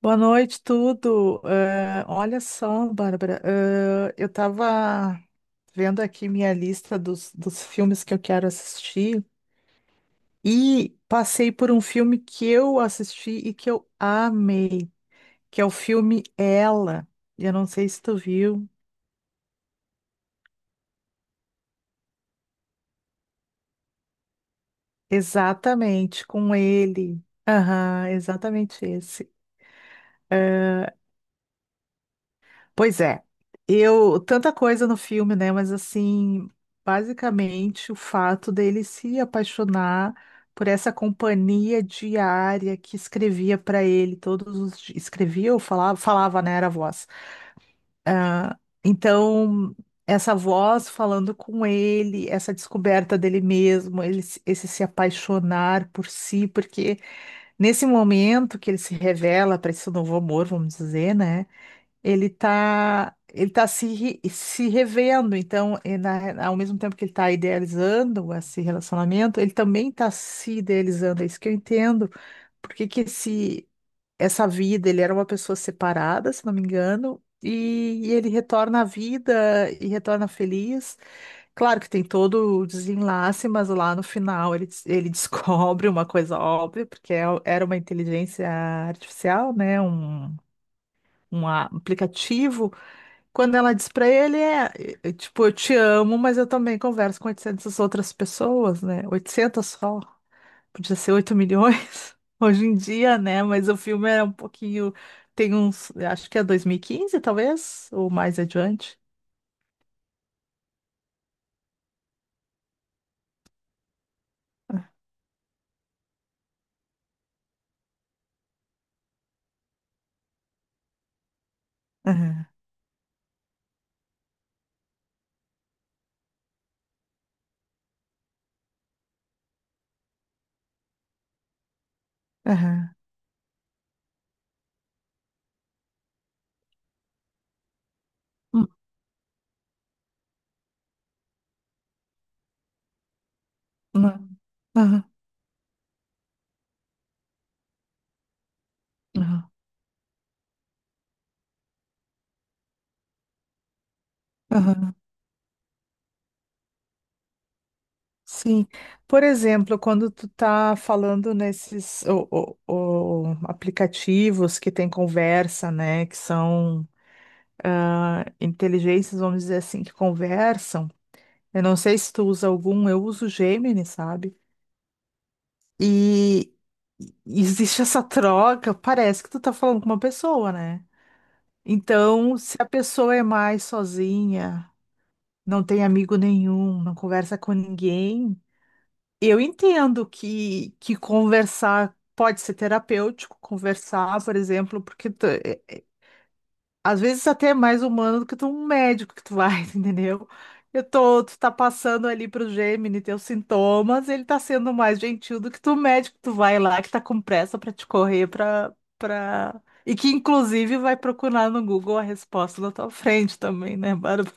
Boa noite, tudo. Olha só, Bárbara, eu estava vendo aqui minha lista dos filmes que eu quero assistir e passei por um filme que eu assisti e que eu amei, que é o filme Ela. Eu não sei se tu viu. Exatamente, com ele. Aham, exatamente esse. Pois é, eu tanta coisa no filme, né? Mas assim, basicamente o fato dele se apaixonar por essa companhia diária que escrevia para ele todos os dias, escrevia ou falava, né? Era a voz. Ah, então essa voz falando com ele, essa descoberta dele mesmo, ele, se- esse se apaixonar por si, porque nesse momento que ele se revela para esse novo amor, vamos dizer, né? Ele tá se revendo. Então, ao mesmo tempo que ele está idealizando esse relacionamento, ele também está se idealizando. É isso que eu entendo. Porque que essa vida, ele era uma pessoa separada, se não me engano, e ele retorna à vida e retorna feliz. Claro que tem todo o desenlace, mas lá no final ele descobre uma coisa óbvia, porque era uma inteligência artificial, né? Um aplicativo. Quando ela diz pra ele, tipo, eu te amo, mas eu também converso com 800 outras pessoas, né? 800 só. Podia ser 8 milhões hoje em dia, né? Mas o filme é um pouquinho. Tem uns. Acho que é 2015 talvez, ou mais adiante. Aham, aham. Hum. Não. Aham, aham, aham. Sim. Por exemplo, quando tu tá falando nesses o aplicativos que tem conversa, né? Que são inteligências, vamos dizer assim, que conversam. Eu não sei se tu usa algum, eu uso Gemini, sabe? E e existe essa troca, parece que tu tá falando com uma pessoa, né? Então, se a pessoa é mais sozinha, não tem amigo nenhum, não conversa com ninguém, eu entendo que conversar pode ser terapêutico, conversar, por exemplo, às vezes até é mais humano do que tu, um médico que tu vai, entendeu? Eu tô, tu tá passando ali pro Gemini teus sintomas, ele tá sendo mais gentil do que tu, o médico que tu vai lá, que tá com pressa pra te correr pra. E que, inclusive, vai procurar no Google a resposta na tua frente também, né, Bárbara?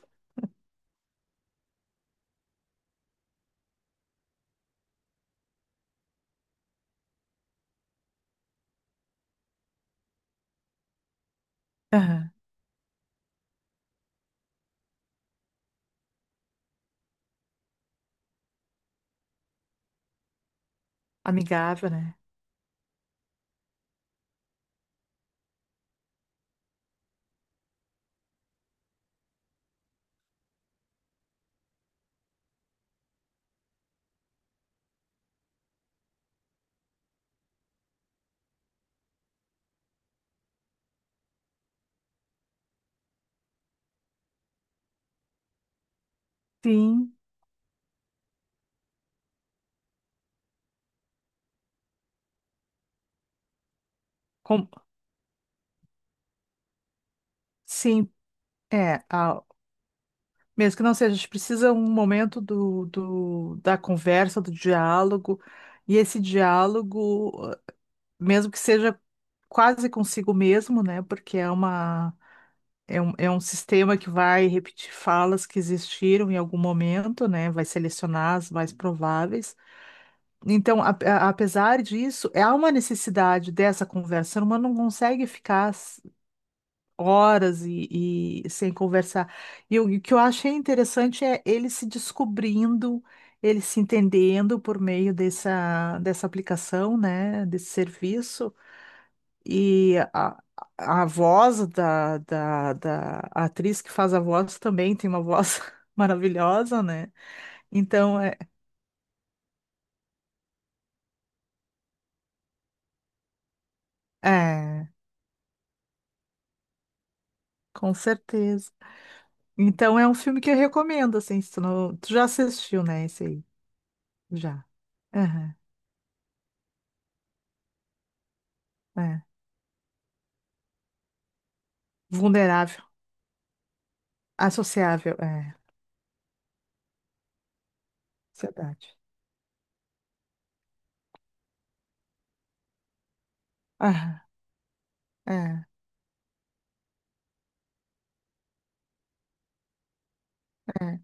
Aham. Amigável, né? Sim. Com... Sim, é. Mesmo que não seja, a gente precisa um momento da conversa, do diálogo, e esse diálogo, mesmo que seja quase consigo mesmo, né? Porque é um sistema que vai repetir falas que existiram em algum momento, né? Vai selecionar as mais prováveis. Então, apesar disso, há uma necessidade dessa conversa. O ser humano não consegue ficar horas e sem conversar. E o que eu achei interessante é ele se descobrindo, ele se entendendo por meio dessa aplicação, né? Desse serviço. E a voz da atriz que faz a voz também tem uma voz maravilhosa, né? Então, é, com certeza. Então, é um filme que eu recomendo, assim, se tu não... Tu já assistiu, né, esse aí? Já. Aham, é. Vulnerável, associável, é. Ansiedade. Aham, é, é.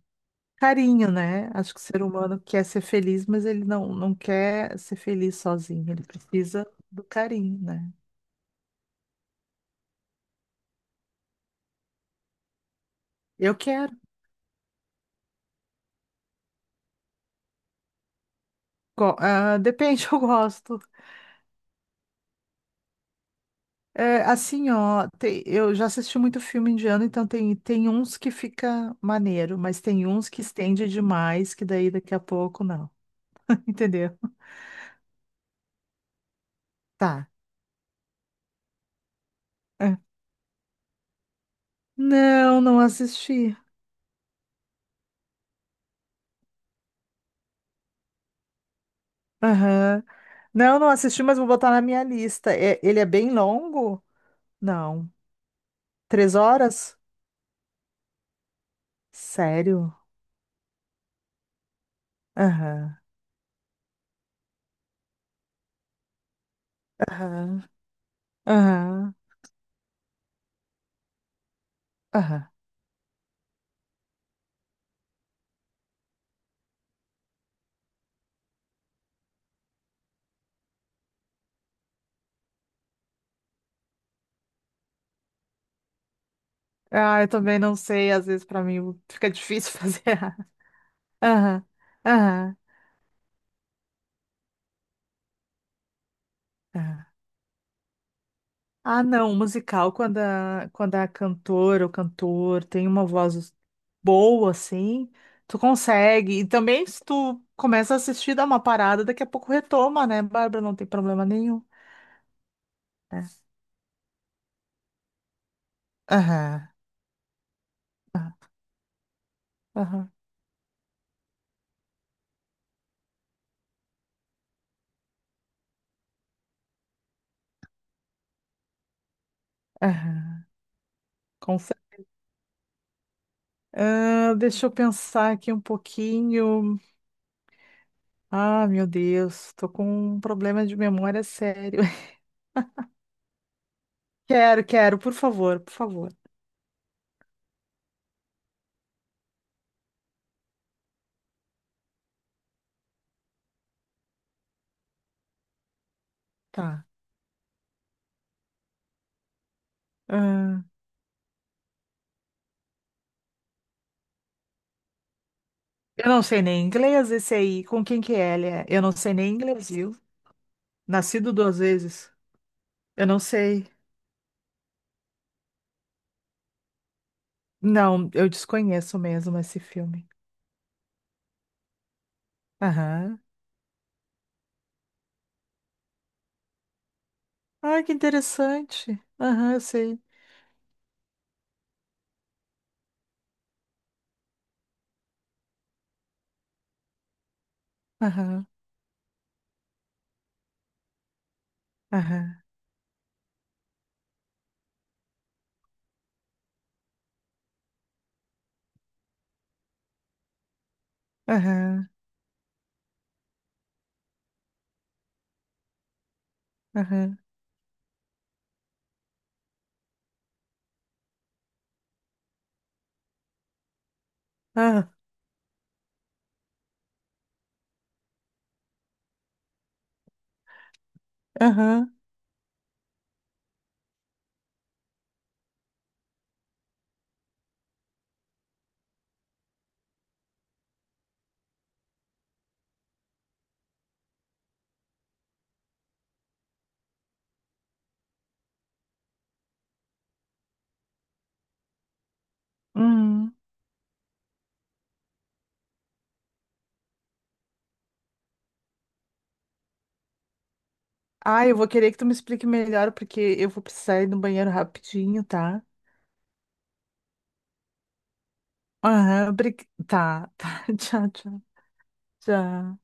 Carinho, né? Acho que o ser humano quer ser feliz, mas ele não, não quer ser feliz sozinho. Ele precisa do carinho, né? Eu quero. Ah, depende, eu gosto. É, assim, ó, eu já assisti muito filme indiano, então tem uns que fica maneiro, mas tem uns que estende demais, que daí daqui a pouco não. Entendeu? Tá. É. Não, não assisti. Aham. Não, não assisti, mas vou botar na minha lista. É- ele é bem longo? Não. 3 horas? Sério? Aham. Aham. Aham. Aham. Ah, eu também não sei, às vezes pra mim fica difícil fazer. Aham, aham, aham. Ah, não, musical, quando a, quando a cantora ou cantor tem uma voz boa, assim, tu consegue. E também, se tu começa a assistir, dá uma parada, daqui a pouco retoma, né, Bárbara? Não tem problema nenhum. É. Aham, aham, aham. Aham. Com cer- ah, deixa eu pensar aqui um pouquinho. Ah, meu Deus, tô com um problema de memória sério. Quero, quero, por favor, por favor. Tá. Eu não sei nem inglês esse aí. Com quem que é ele é? Eu não sei nem inglês, viu? Nascido duas vezes. Eu não sei. Não, eu desconheço mesmo esse filme. Aham. Ai, que interessante. Aham, eu sei. Aham, aham, aham, aham, ah, aham. Uhum. Ah, eu vou querer que tu me explique melhor, porque eu vou precisar ir no banheiro rapidinho, tá? Aham, tá, tá. Tchau, tchau, tchau.